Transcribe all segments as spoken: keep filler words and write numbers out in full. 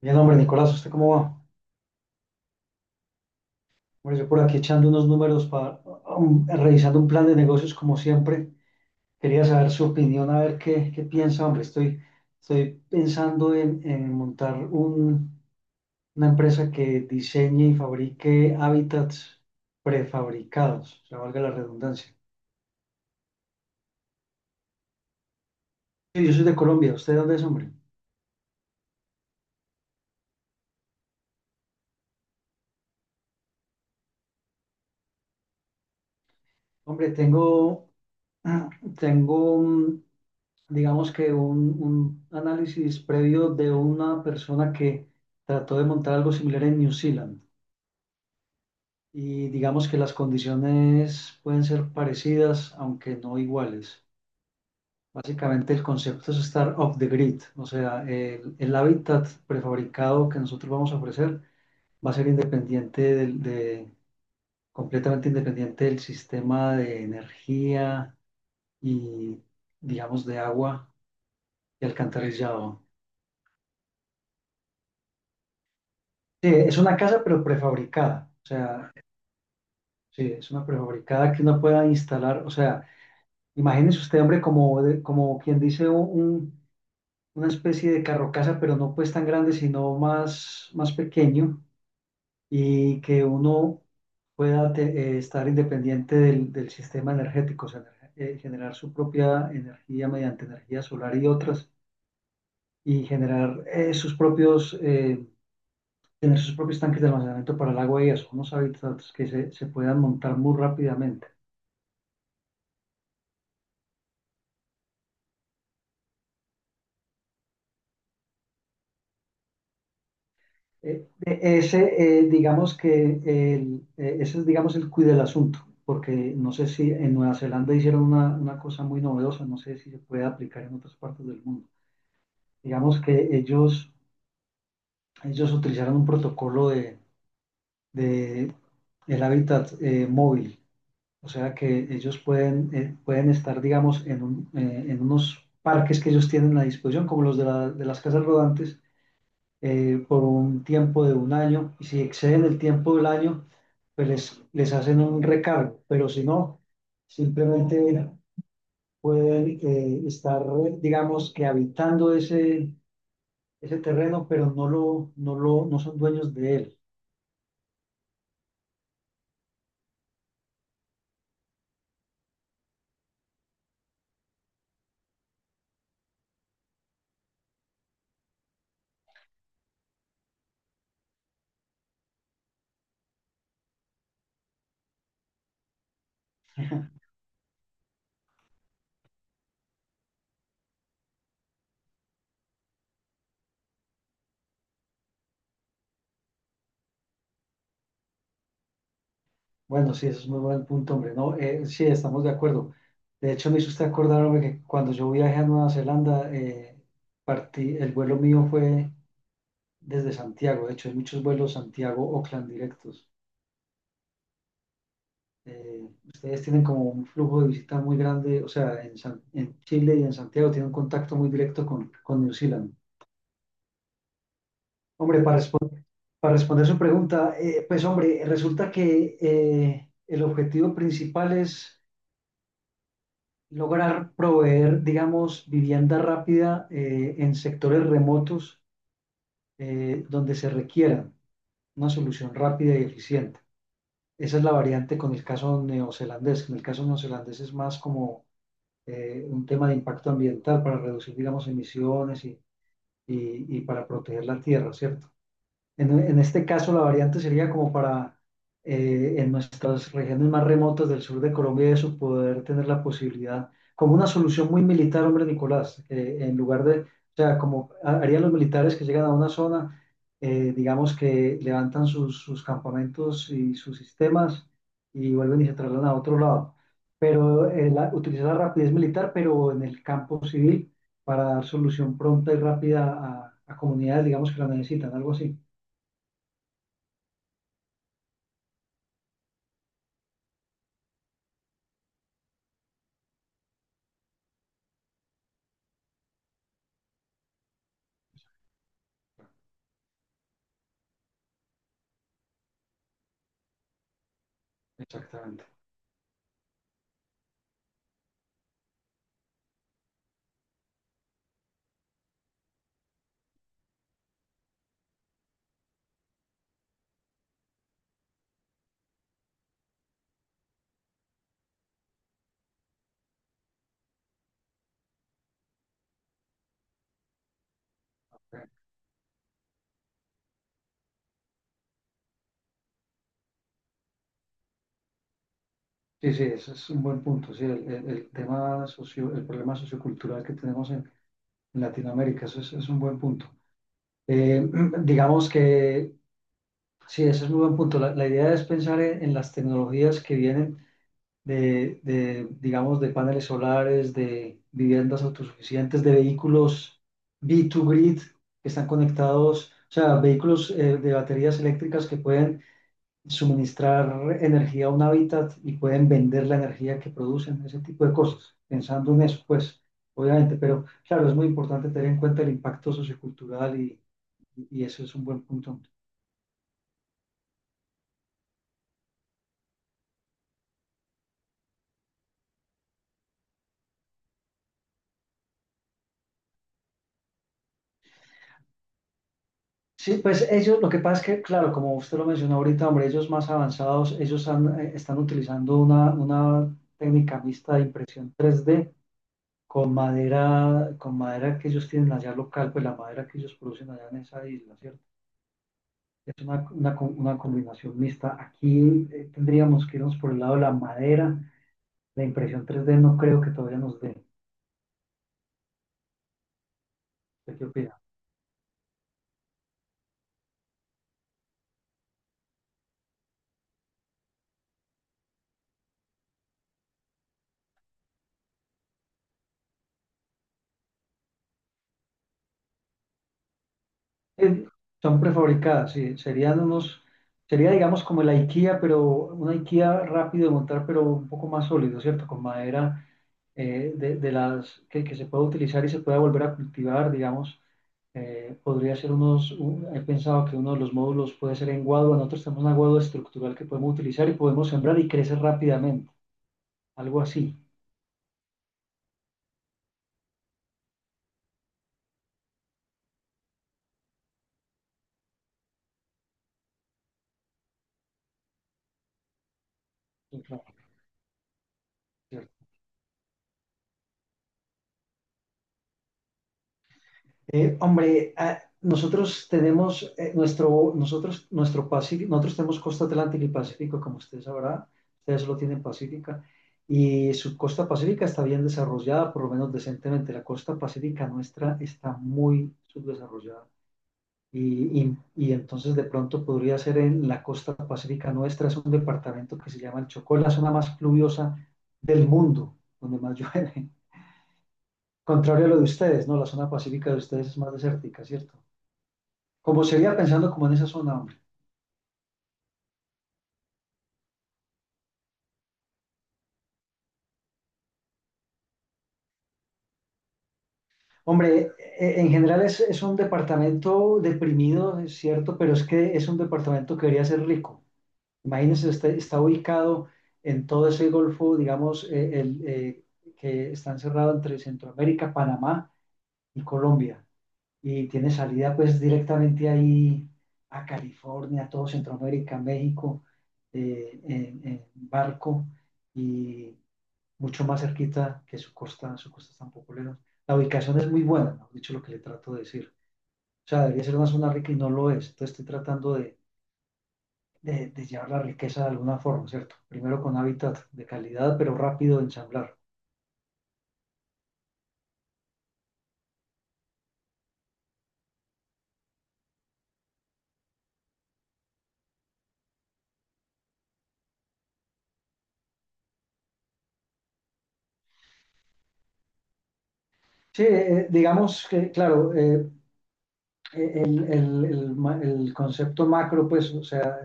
Bien, hombre, Nicolás, ¿usted cómo va? Hombre, yo por aquí echando unos números para, um, revisando un plan de negocios como siempre. Quería saber su opinión, a ver qué, qué piensa, hombre. Estoy, estoy pensando en, en montar un- una empresa que diseñe y fabrique hábitats prefabricados, o sea, valga la redundancia. Sí, yo soy de Colombia, ¿usted dónde es, hombre? Hombre, tengo, tengo, mm, digamos que un, un análisis previo de una persona que trató de montar algo similar en New Zealand. Y digamos que las condiciones pueden ser parecidas, aunque no iguales. Básicamente el concepto es estar off the grid, o sea, el, el hábitat prefabricado que nosotros vamos a ofrecer va a ser independiente del- de, completamente independiente del sistema de energía y, digamos, de agua y alcantarillado. Sí, es una casa pero prefabricada, o sea, sí, es una prefabricada que uno pueda instalar, o sea, imagínese usted, hombre, como, de- como quien dice un, una especie de carro casa, pero no pues tan grande, sino más, más pequeño y que uno pueda te- eh, estar independiente del, del sistema energético, o sea, energe- eh, generar su propia energía mediante energía solar y otras, y generar eh, sus propios, eh, tener sus propios tanques de almacenamiento para el agua y eso, unos hábitats que se, se puedan montar muy rápidamente. Eh, ese, eh, digamos que el, eh, ese es, digamos, el cuide del asunto, porque no sé si en Nueva Zelanda hicieron una, una cosa muy novedosa, no sé si se puede aplicar en otras partes del mundo. Digamos que ellos, ellos utilizaron un protocolo de, de el hábitat eh, móvil. O sea que ellos pueden, eh, pueden estar, digamos, en, un- eh, en unos parques que ellos tienen a disposición, como los de, la- de las casas rodantes, eh, por un tiempo de un año. Y si exceden el tiempo del año, pues les, les hacen un recargo. Pero si no, simplemente pueden eh, estar, digamos, que habitando ese, ese terreno, pero no lo, no lo, no son dueños de él. Bueno, sí, eso es muy buen punto, hombre. No, eh, sí, estamos de acuerdo. De hecho, me hizo usted acordar, hombre, que cuando yo viajé a Nueva Zelanda, eh, partí, el vuelo mío fue desde Santiago. De hecho, hay muchos vuelos Santiago-Oakland directos. Eh, ustedes tienen como un flujo de visita muy grande, o sea, en, San- en Chile y en Santiago tienen un contacto muy directo con, con New Zealand. Hombre, para, respon- para responder su pregunta, eh, pues, hombre, resulta que eh, el objetivo principal es lograr proveer, digamos, vivienda rápida eh, en sectores remotos eh, donde se requiera una solución rápida y eficiente. Esa es la variante con el caso neozelandés. En el caso neozelandés es más como eh, un tema de impacto ambiental para reducir, digamos, emisiones y, y- y para proteger la tierra, ¿cierto? En, en este caso, la variante sería como para eh, en nuestras regiones más remotas del sur de Colombia, y eso poder tener la posibilidad, como una solución muy militar, hombre Nicolás, eh, en lugar de, o sea, como ha- harían los militares que llegan a una zona, eh, digamos que levantan sus, sus campamentos y sus sistemas y vuelven y se trasladan a otro lado. Pero eh, la- utilizar la rapidez militar, pero en el campo civil, para dar solución pronta y rápida a a comunidades, digamos, que la necesitan, algo así. Exactamente. Ok. Sí, sí, ese es un buen punto. Sí, el, el- el tema socio, el problema sociocultural que tenemos en, en Latinoamérica, eso es, es un buen punto. Eh, digamos que sí, ese es muy buen punto. La, la idea es pensar en, en las tecnologías que vienen de, de, digamos, de paneles solares, de viviendas autosuficientes, de vehículos B dos grid que están conectados, o sea, vehículos eh, de baterías eléctricas que pueden suministrar energía a un hábitat y pueden vender la energía que producen, ese tipo de cosas, pensando en eso, pues, obviamente, pero claro, es muy importante tener en cuenta el impacto sociocultural y, y eso es un buen punto. Sí, pues ellos, lo que pasa es que, claro, como usted lo mencionó ahorita, hombre, ellos más avanzados, ellos han- eh, están utilizando una, una técnica mixta de impresión tres D con madera, con madera que ellos tienen allá local, pues la madera que ellos producen allá en esa isla, ¿cierto? Es una, una una combinación mixta. Aquí eh, tendríamos que irnos por el lado de la madera. La impresión tres D no creo que todavía nos dé. ¿Qué opina? Eh, Son prefabricadas, sí. Serían unos, sería digamos como el IKEA, pero una IKEA rápido de montar, pero un poco más sólido, ¿cierto? Con madera eh, de, de las que, que se pueda utilizar y se pueda volver a cultivar, digamos. Eh, podría ser unos, un- he pensado que uno de los módulos puede ser en guadua. Nosotros tenemos una guadua estructural que podemos utilizar y podemos sembrar y crece rápidamente, algo así. Sí, claro. Eh, hombre, ah, nosotros tenemos eh, nuestro, nosotros, nuestro Pacífico, nosotros tenemos costa atlántica y pacífico, como usted sabrá, ustedes lo tienen pacífica, y su costa pacífica está bien desarrollada, por lo menos decentemente. La costa pacífica nuestra está muy subdesarrollada. Y, y- y entonces de pronto podría ser en la costa pacífica nuestra, es un departamento que se llama el Chocó, la zona más pluviosa del mundo, donde más llueve. Contrario a lo de ustedes, ¿no? La zona pacífica de ustedes es más desértica, ¿cierto? Como sería pensando como en esa zona, hombre. Hombre, e- e, en general es, es un departamento deprimido, es cierto, pero es que es un departamento que debería ser rico. Imagínense, está, está ubicado en todo ese golfo, digamos, eh, el, eh, que está encerrado entre Centroamérica, Panamá y Colombia. Y tiene salida pues directamente ahí a California, todo Centroamérica, México, eh, en en barco. Y mucho más cerquita que su costa, su costa tan popular. La ubicación es muy buena, ¿no? Dicho lo que le trato de decir. O sea, debería ser una zona rica y no lo es. Entonces estoy tratando de, de, de llevar la riqueza de alguna forma, ¿cierto? Primero con hábitat de calidad, pero rápido de ensamblar. Sí, eh, eh, digamos que, claro, eh, el, el, el, el concepto macro, pues, o sea,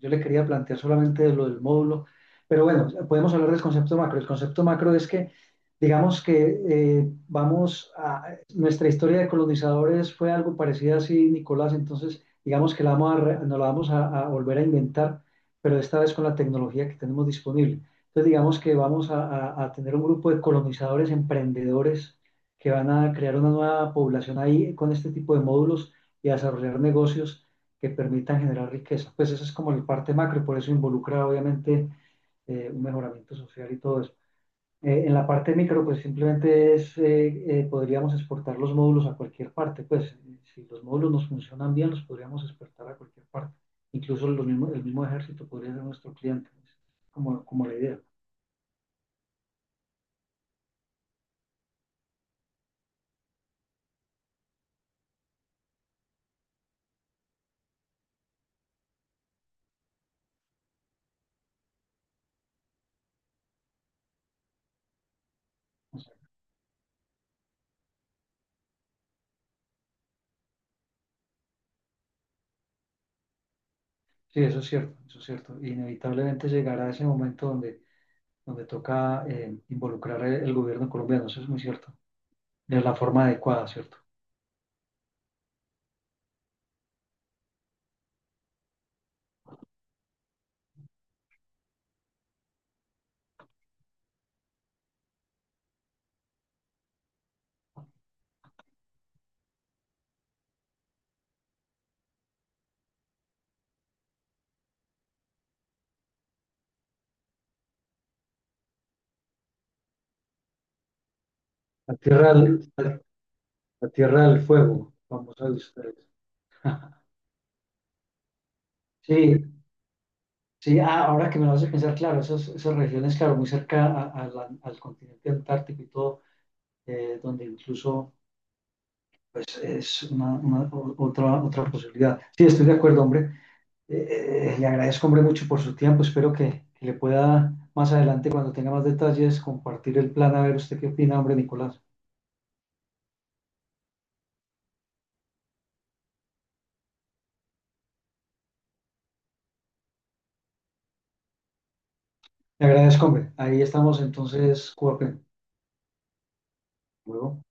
yo le quería plantear solamente lo del módulo, pero bueno, podemos hablar del concepto macro. El concepto macro es que, digamos que eh, vamos a, nuestra historia de colonizadores fue algo parecida así, Nicolás, entonces digamos que la vamos a, re- nos la vamos a, a volver a inventar, pero esta vez con la tecnología que tenemos disponible. Entonces digamos que vamos a, a- a tener un grupo de colonizadores, emprendedores, que van a crear una nueva población ahí con este tipo de módulos y a desarrollar negocios que permitan generar riqueza. Pues esa es como la parte macro y por eso involucra obviamente eh, un mejoramiento social y todo eso. Eh, en la parte micro, pues simplemente es, eh, eh, podríamos exportar los módulos a cualquier parte. Pues si los módulos nos funcionan bien, los podríamos exportar a cualquier parte. Incluso los mismos, el mismo ejército podría ser nuestro cliente, pues, como, como la idea. O sea, sí, eso es cierto, eso es cierto. Inevitablemente llegará ese momento donde, donde toca eh, involucrar el gobierno colombiano, eso es muy cierto, de la forma adecuada, ¿cierto? A tierra al, a, a tierra del fuego, famosa de ustedes. Sí, sí, ah, ahora que me lo hace pensar, claro, esas, esas regiones, claro, muy cerca a- a la- al continente antártico y todo, eh, donde incluso pues es una, una- o- otra, otra posibilidad. Sí, estoy de acuerdo, hombre. Eh, eh, le agradezco, hombre, mucho por su tiempo. Espero que, que le pueda más adelante, cuando tenga más detalles, compartir el plan, a ver usted qué opina, hombre, Nicolás. Le agradezco, hombre. Ahí estamos entonces, Cuapen. Luego.